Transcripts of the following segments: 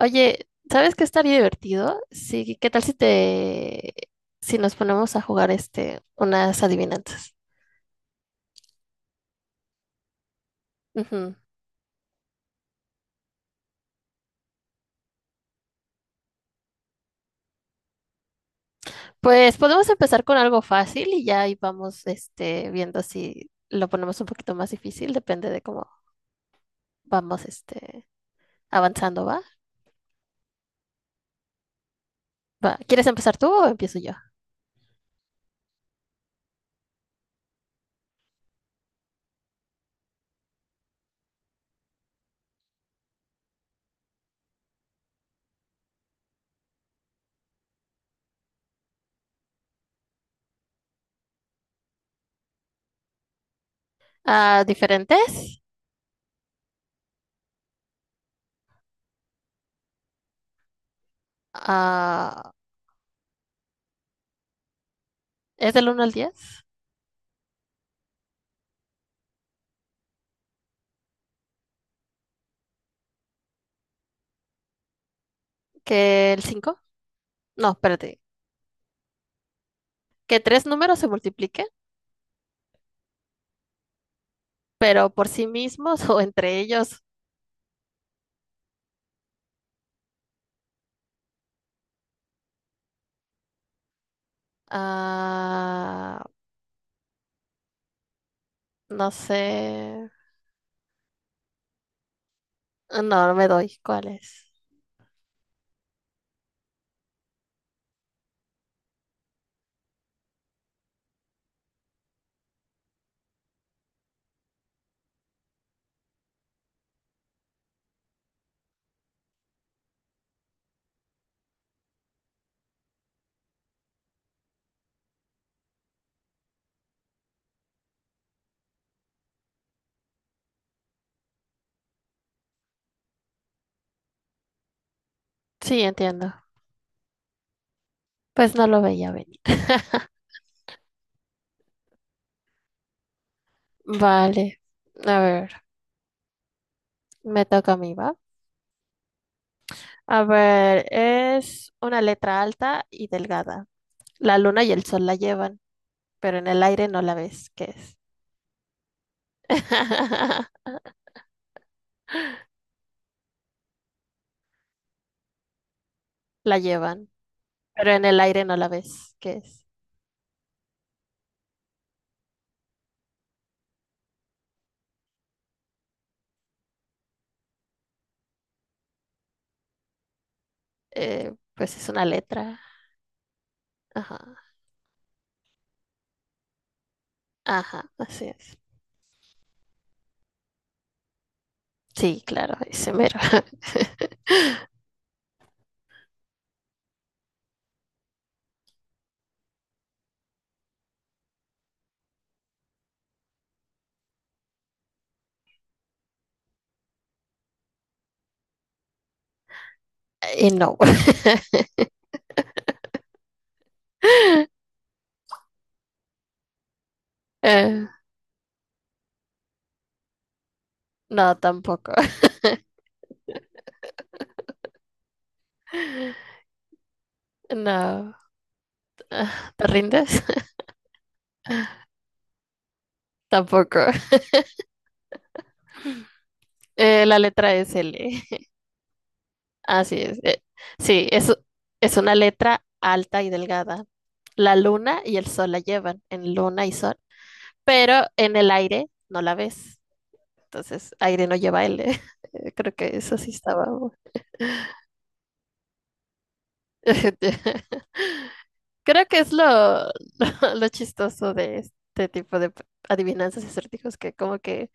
Oye, ¿sabes qué estaría divertido? Sí, ¿qué tal si nos ponemos a jugar unas adivinanzas? Ujú. Pues podemos empezar con algo fácil y ya ahí vamos, viendo si lo ponemos un poquito más difícil, depende de cómo vamos, avanzando, ¿va? Va, ¿quieres empezar tú o empiezo yo? Ah, ¿diferentes? Ah, ¿es del uno al diez? ¿Que el cinco, No, espérate. Que tres números se multipliquen, pero por sí mismos o entre ellos. Ah, no sé. No, no me doy. ¿Cuál es? Sí, entiendo. Pues no lo veía venir. Vale. A ver, me toca a mí, ¿va? A ver, es una letra alta y delgada. La luna y el sol la llevan, pero en el aire no la ves. ¿Qué es? La llevan, pero en el aire no la ves. ¿Qué es? Pues es una letra. Ajá, ajá, así es. Sí, claro, ese mero. Y no. Eh, no, tampoco. No. Ah, ¿te rindes? Tampoco. La letra es L. Así es. Sí, es una letra alta y delgada. La luna y el sol la llevan en luna y sol, pero en el aire no la ves. Entonces, aire no lleva L. Creo que eso sí estaba. Creo que es lo chistoso de este tipo de adivinanzas y acertijos que como que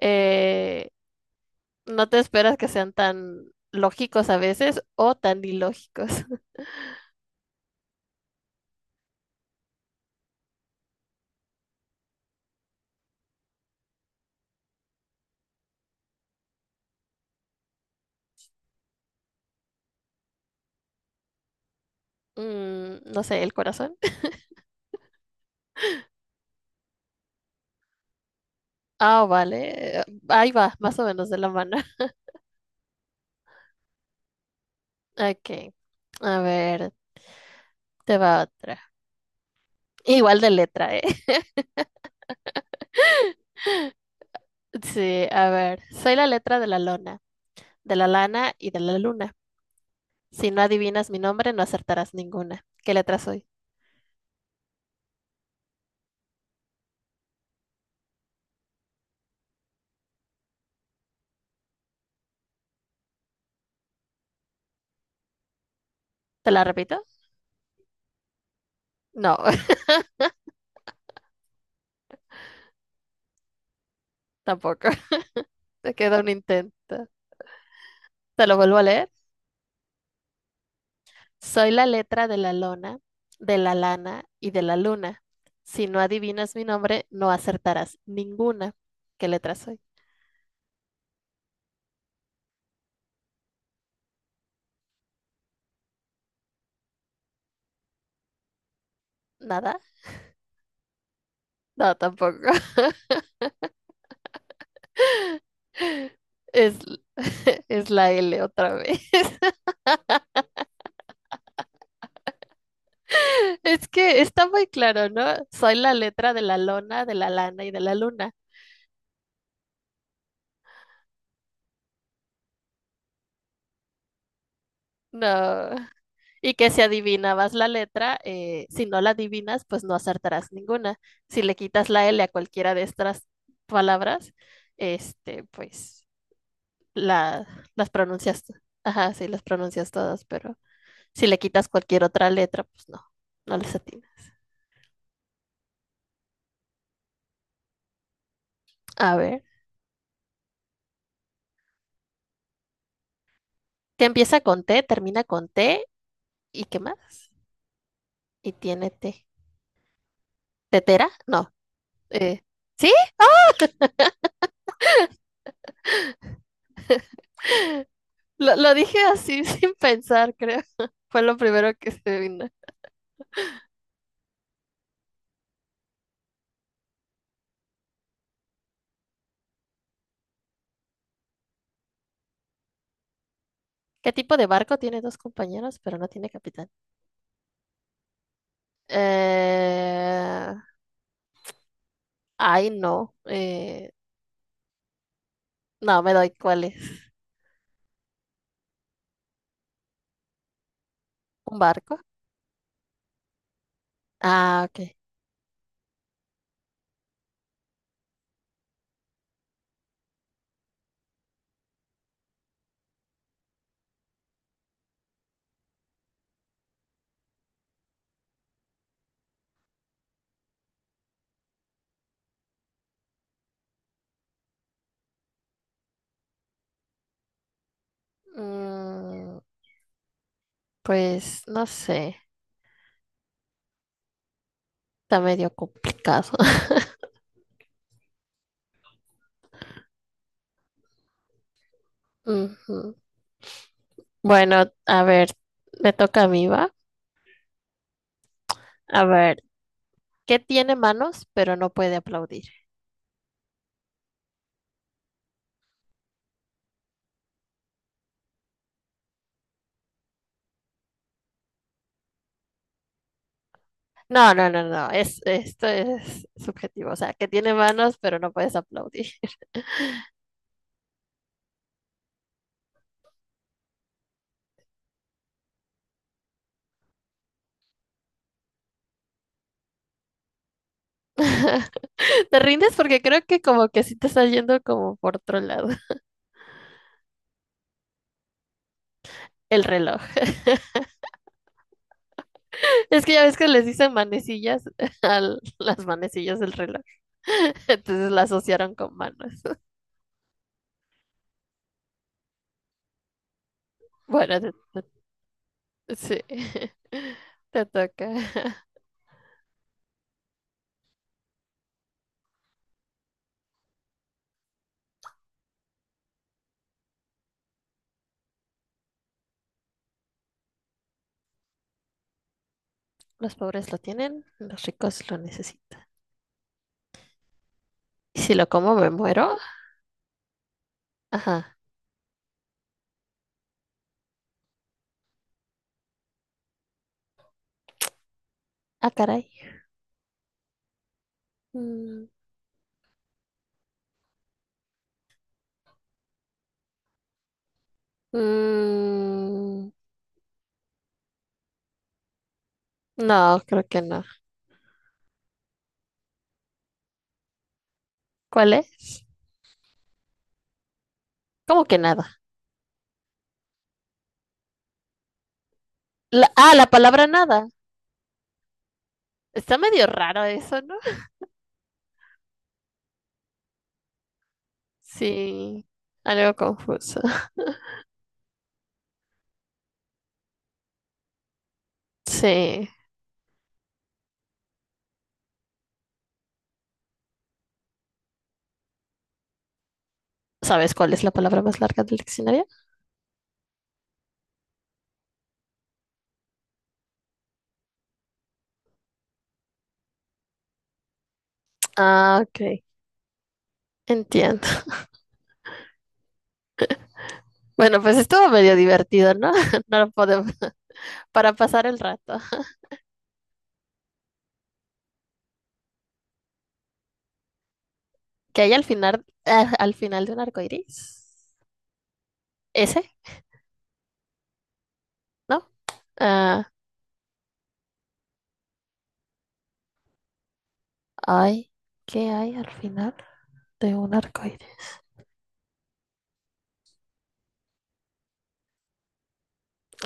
eh, no te esperas que sean tan lógicos a veces o tan ilógicos. Mm, no sé, el corazón. Ah, vale. Ahí va, más o menos de la mano. Ok. A ver, te va otra. Igual de letra, ¿eh? Sí, a ver. Soy la letra de la lona, de la lana y de la luna. Si no adivinas mi nombre, no acertarás ninguna. ¿Qué letra soy? ¿Te la repito? No, tampoco. Te queda un intento. ¿Te lo vuelvo a leer? Soy la letra de la lona, de la lana y de la luna. Si no adivinas mi nombre, no acertarás ninguna. ¿Qué letra soy? ¿Nada? No, tampoco. Es, es la L otra vez. Es que está muy claro, ¿no? Soy la letra de la lona, de la lana y de la luna. No. Y que si adivinabas la letra, si no la adivinas, pues no acertarás ninguna. Si le quitas la L a cualquiera de estas palabras, pues la, las pronuncias, ajá, sí, las pronuncias todas, pero si le quitas cualquier otra letra, pues no, no les atinas. A ver, que empieza con T, termina con T, ¿y qué más? Y tiene T. ¿Tetera? No. eh, ¿sí? Lo dije así sin pensar, creo. Fue lo primero que se vino. ¿Qué tipo de barco tiene dos compañeros, pero no tiene capitán? Eh, ay, no. No, me doy cuál es. ¿Un barco? Ah, ok. Mm, pues no sé, está medio complicado. Ujú. Bueno, a ver, me toca a mí, ¿va? A ver, ¿qué tiene manos pero no puede aplaudir? No, no, no, no, es, esto es subjetivo, o sea, que tiene manos pero no puedes aplaudir. Te rindes porque creo que como que sí te está yendo como por otro lado, el reloj. Es que ya ves que les dicen manecillas a las manecillas del reloj, entonces la asociaron con manos. Bueno, sí, te toca. Los pobres lo tienen, los ricos lo necesitan. ¿Y si lo como me muero? Ajá. Ah, caray. Mm, mm, no, creo que no. ¿Cuál es? ¿Cómo que nada? Ah, la palabra nada. Está medio raro eso, ¿no? Sí, algo confuso. Sí. ¿Sabes cuál es la palabra más larga del diccionario? Ah, ok. Entiendo. Bueno, pues estuvo medio divertido, ¿no? No lo podemos. Para pasar el rato. Que hay al al final de un arco iris. ¿Ese? ¿No? Ah, ay, ¿qué hay al final de un arco iris?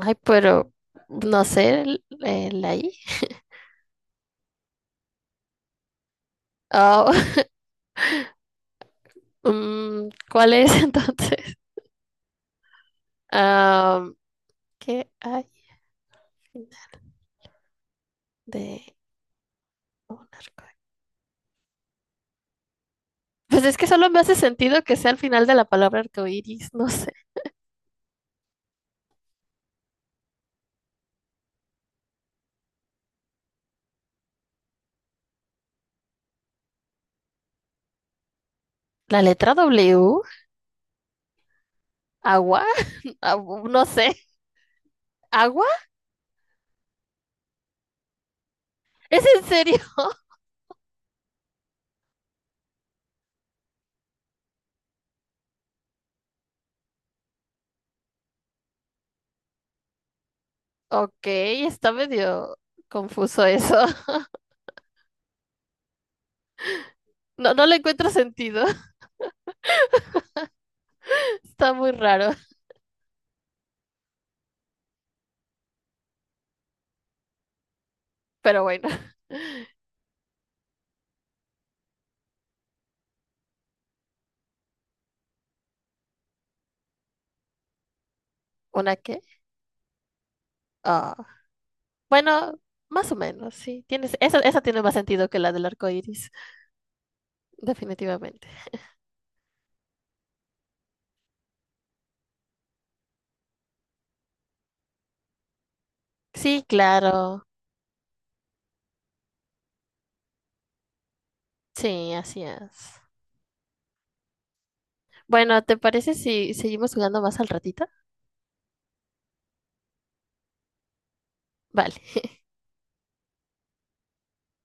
Ay, pero no sé, el ahí. Ah, ¿cuál es entonces? Ah, ¿qué hay al final de un arco iris? Pues es que solo me hace sentido que sea al final de la palabra arcoíris, no sé. ¿La letra W? ¿Agua? Ah, no sé. ¿Agua? ¿Es en serio? Ok, está medio confuso eso. No, no le encuentro sentido. Está muy raro. Pero bueno, ¿una qué? Ah, bueno, más o menos, sí. Tienes, esa tiene más sentido que la del arco iris, definitivamente. Sí, claro. Sí, así es. Bueno, ¿te parece si seguimos jugando más al ratito? Vale.